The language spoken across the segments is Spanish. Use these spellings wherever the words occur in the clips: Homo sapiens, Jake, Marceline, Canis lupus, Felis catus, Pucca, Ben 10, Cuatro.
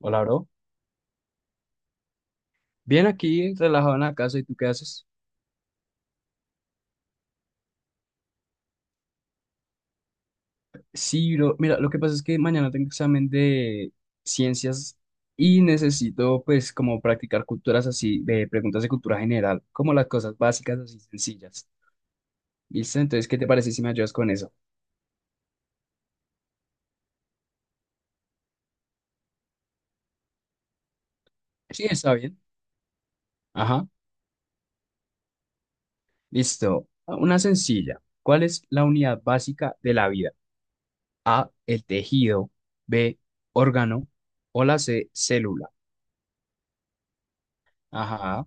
Hola, bro. Bien aquí, relajado en la casa, ¿y tú qué haces? Sí, bro. Mira, lo que pasa es que mañana tengo examen de ciencias y necesito, pues, como practicar culturas así, de preguntas de cultura general, como las cosas básicas así sencillas. ¿Listo? Entonces, ¿qué te parece si me ayudas con eso? Sí, está bien. Ajá. Listo. Ah, una sencilla. ¿Cuál es la unidad básica de la vida? A, el tejido. B, órgano. O la C, célula. Ajá.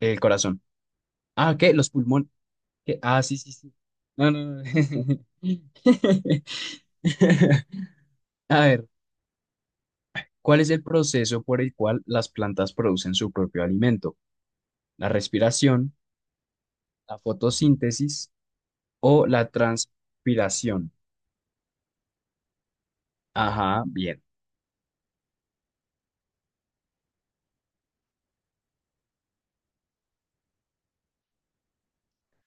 El corazón. Ah, ¿qué? Los pulmones. ¿Qué? Ah, sí, sí, sí. No, no, no. A ver, ¿cuál es el proceso por el cual las plantas producen su propio alimento? ¿La respiración, la fotosíntesis o la transpiración? Ajá, bien.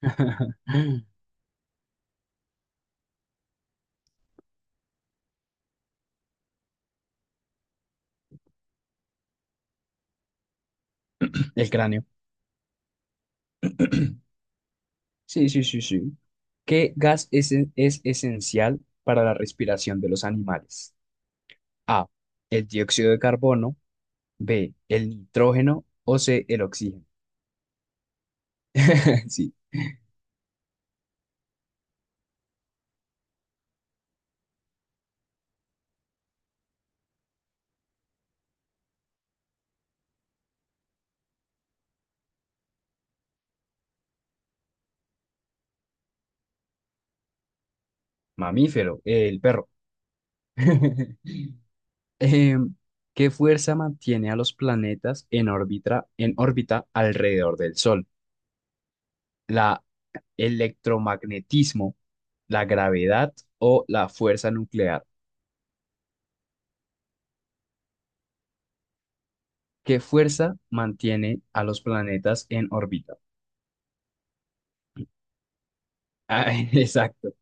El cráneo. Sí, sí, sí, sí. ¿Qué gas es esencial para la respiración de los animales? A, el dióxido de carbono, B, el nitrógeno o C, el oxígeno. Sí. Mamífero, el perro. Em, ¿qué fuerza mantiene a los planetas en órbita alrededor del Sol? ¿La electromagnetismo, la gravedad o la fuerza nuclear? ¿Qué fuerza mantiene a los planetas en órbita? Ah, exacto,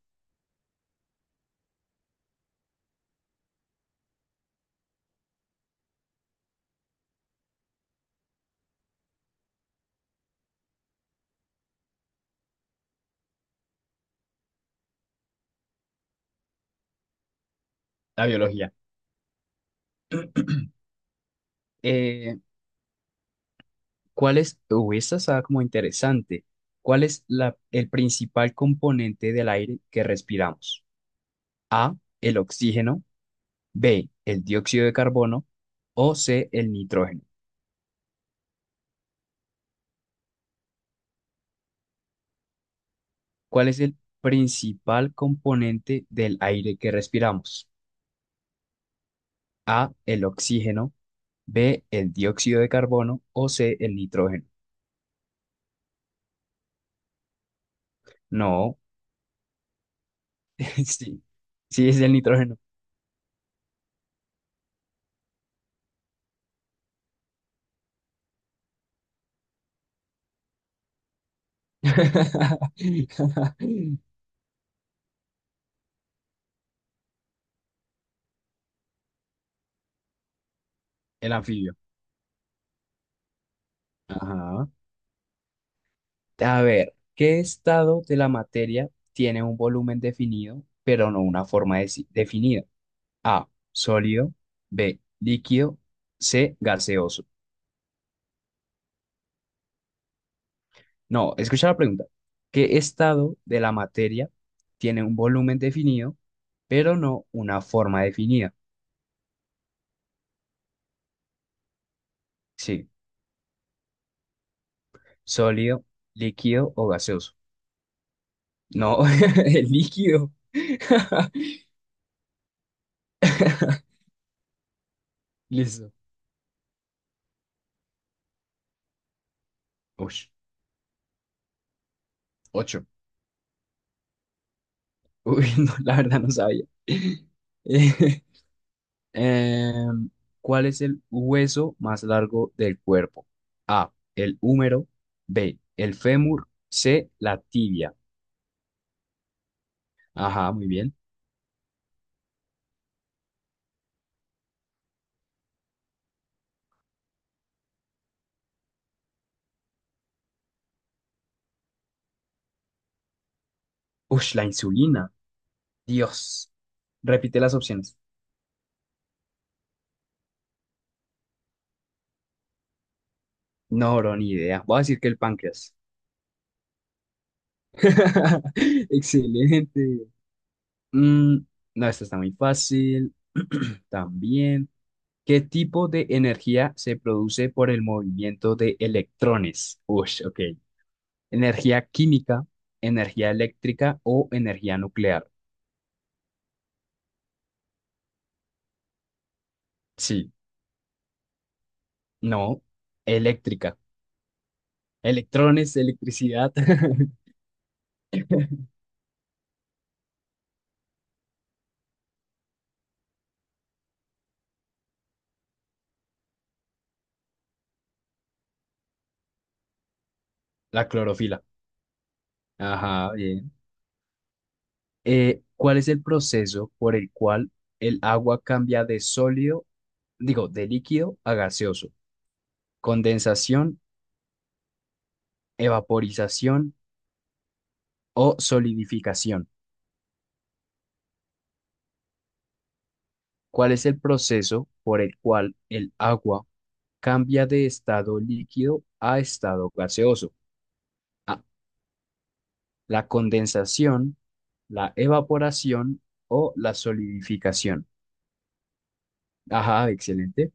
la biología. Eh, Esta está como interesante. ¿Cuál es el principal componente del aire que respiramos? A, el oxígeno. B, el dióxido de carbono o C, el nitrógeno. ¿Cuál es el principal componente del aire que respiramos? A, el oxígeno, B, el dióxido de carbono o C, el nitrógeno. No, sí, sí es el nitrógeno. El anfibio. Ajá. A ver, ¿qué estado de la materia tiene un volumen definido, pero no una forma definida? A, sólido. B, líquido. C, gaseoso. No, escucha la pregunta. ¿Qué estado de la materia tiene un volumen definido, pero no una forma definida? Sí, sólido, líquido o gaseoso. No, el líquido. Listo. Uy, ocho. Uy, no, la verdad no sabía. Eh, Em, ¿cuál es el hueso más largo del cuerpo? A, el húmero. B, el fémur. C, la tibia. Ajá, muy bien. Ush, la insulina. Dios. Repite las opciones. No, bro, ni idea. Voy a decir que el páncreas. Excelente. Mm, no, esta está muy fácil. También. ¿Qué tipo de energía se produce por el movimiento de electrones? Ush, ok. Energía química, energía eléctrica o energía nuclear. Sí, no, eléctrica. Electrones, electricidad. La clorofila. Ajá, bien. ¿Cuál es el proceso por el cual el agua cambia de sólido, digo, de líquido a gaseoso? Condensación, evaporización o solidificación. ¿Cuál es el proceso por el cual el agua cambia de estado líquido a estado gaseoso? A, la condensación, la evaporación o la solidificación. Ajá, excelente.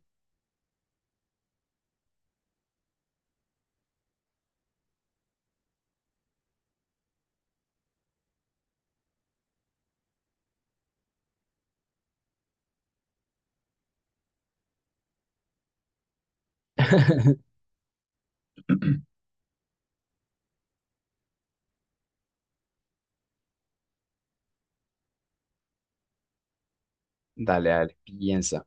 Dale, dale, piensa.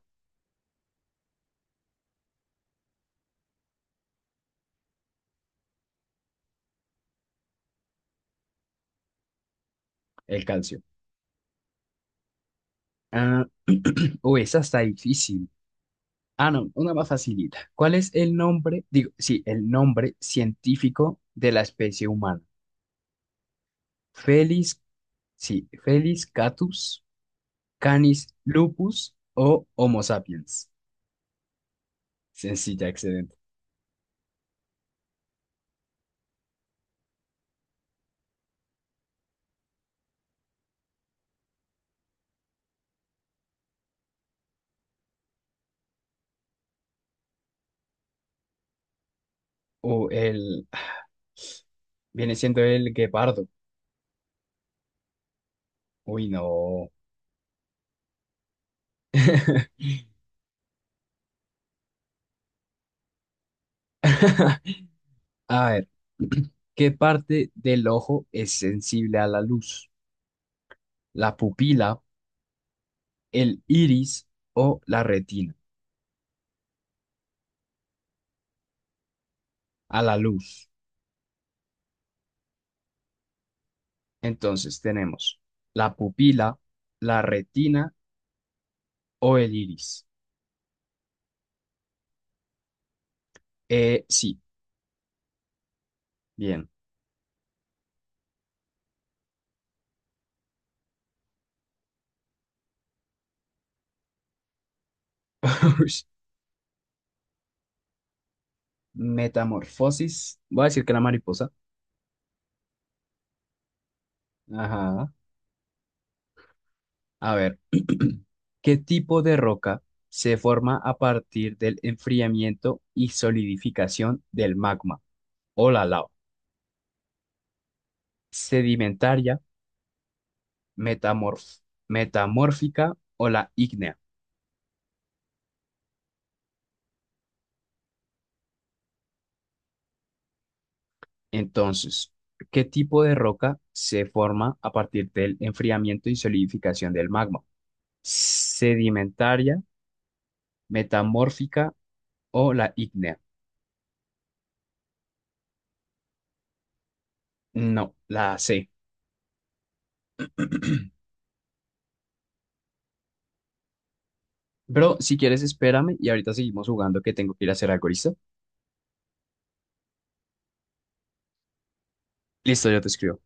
El calcio. Ah, uy, esa está difícil. Ah, no, una más facilita. ¿Cuál es el nombre, digo, sí, el nombre científico de la especie humana? Felis, sí, Felis catus, Canis lupus o Homo sapiens. Sencilla, excelente. O el, Viene siendo el guepardo. Uy, no. A ver, ¿qué parte del ojo es sensible a la luz? ¿La pupila, el iris o la retina? A la luz. Entonces tenemos la pupila, la retina o el iris. Sí, bien. Ush. Metamorfosis. Voy a decir que la mariposa. Ajá. A ver, ¿qué tipo de roca se forma a partir del enfriamiento y solidificación del magma? O la lava, sedimentaria, metamorf- metamórfica o la ígnea. Entonces, ¿qué tipo de roca se forma a partir del enfriamiento y solidificación del magma? ¿Sedimentaria, metamórfica o la ígnea? No, la C. Bro, si quieres, espérame y ahorita seguimos jugando que tengo que ir a hacer algo, ¿listo? Listo, yo te escribo.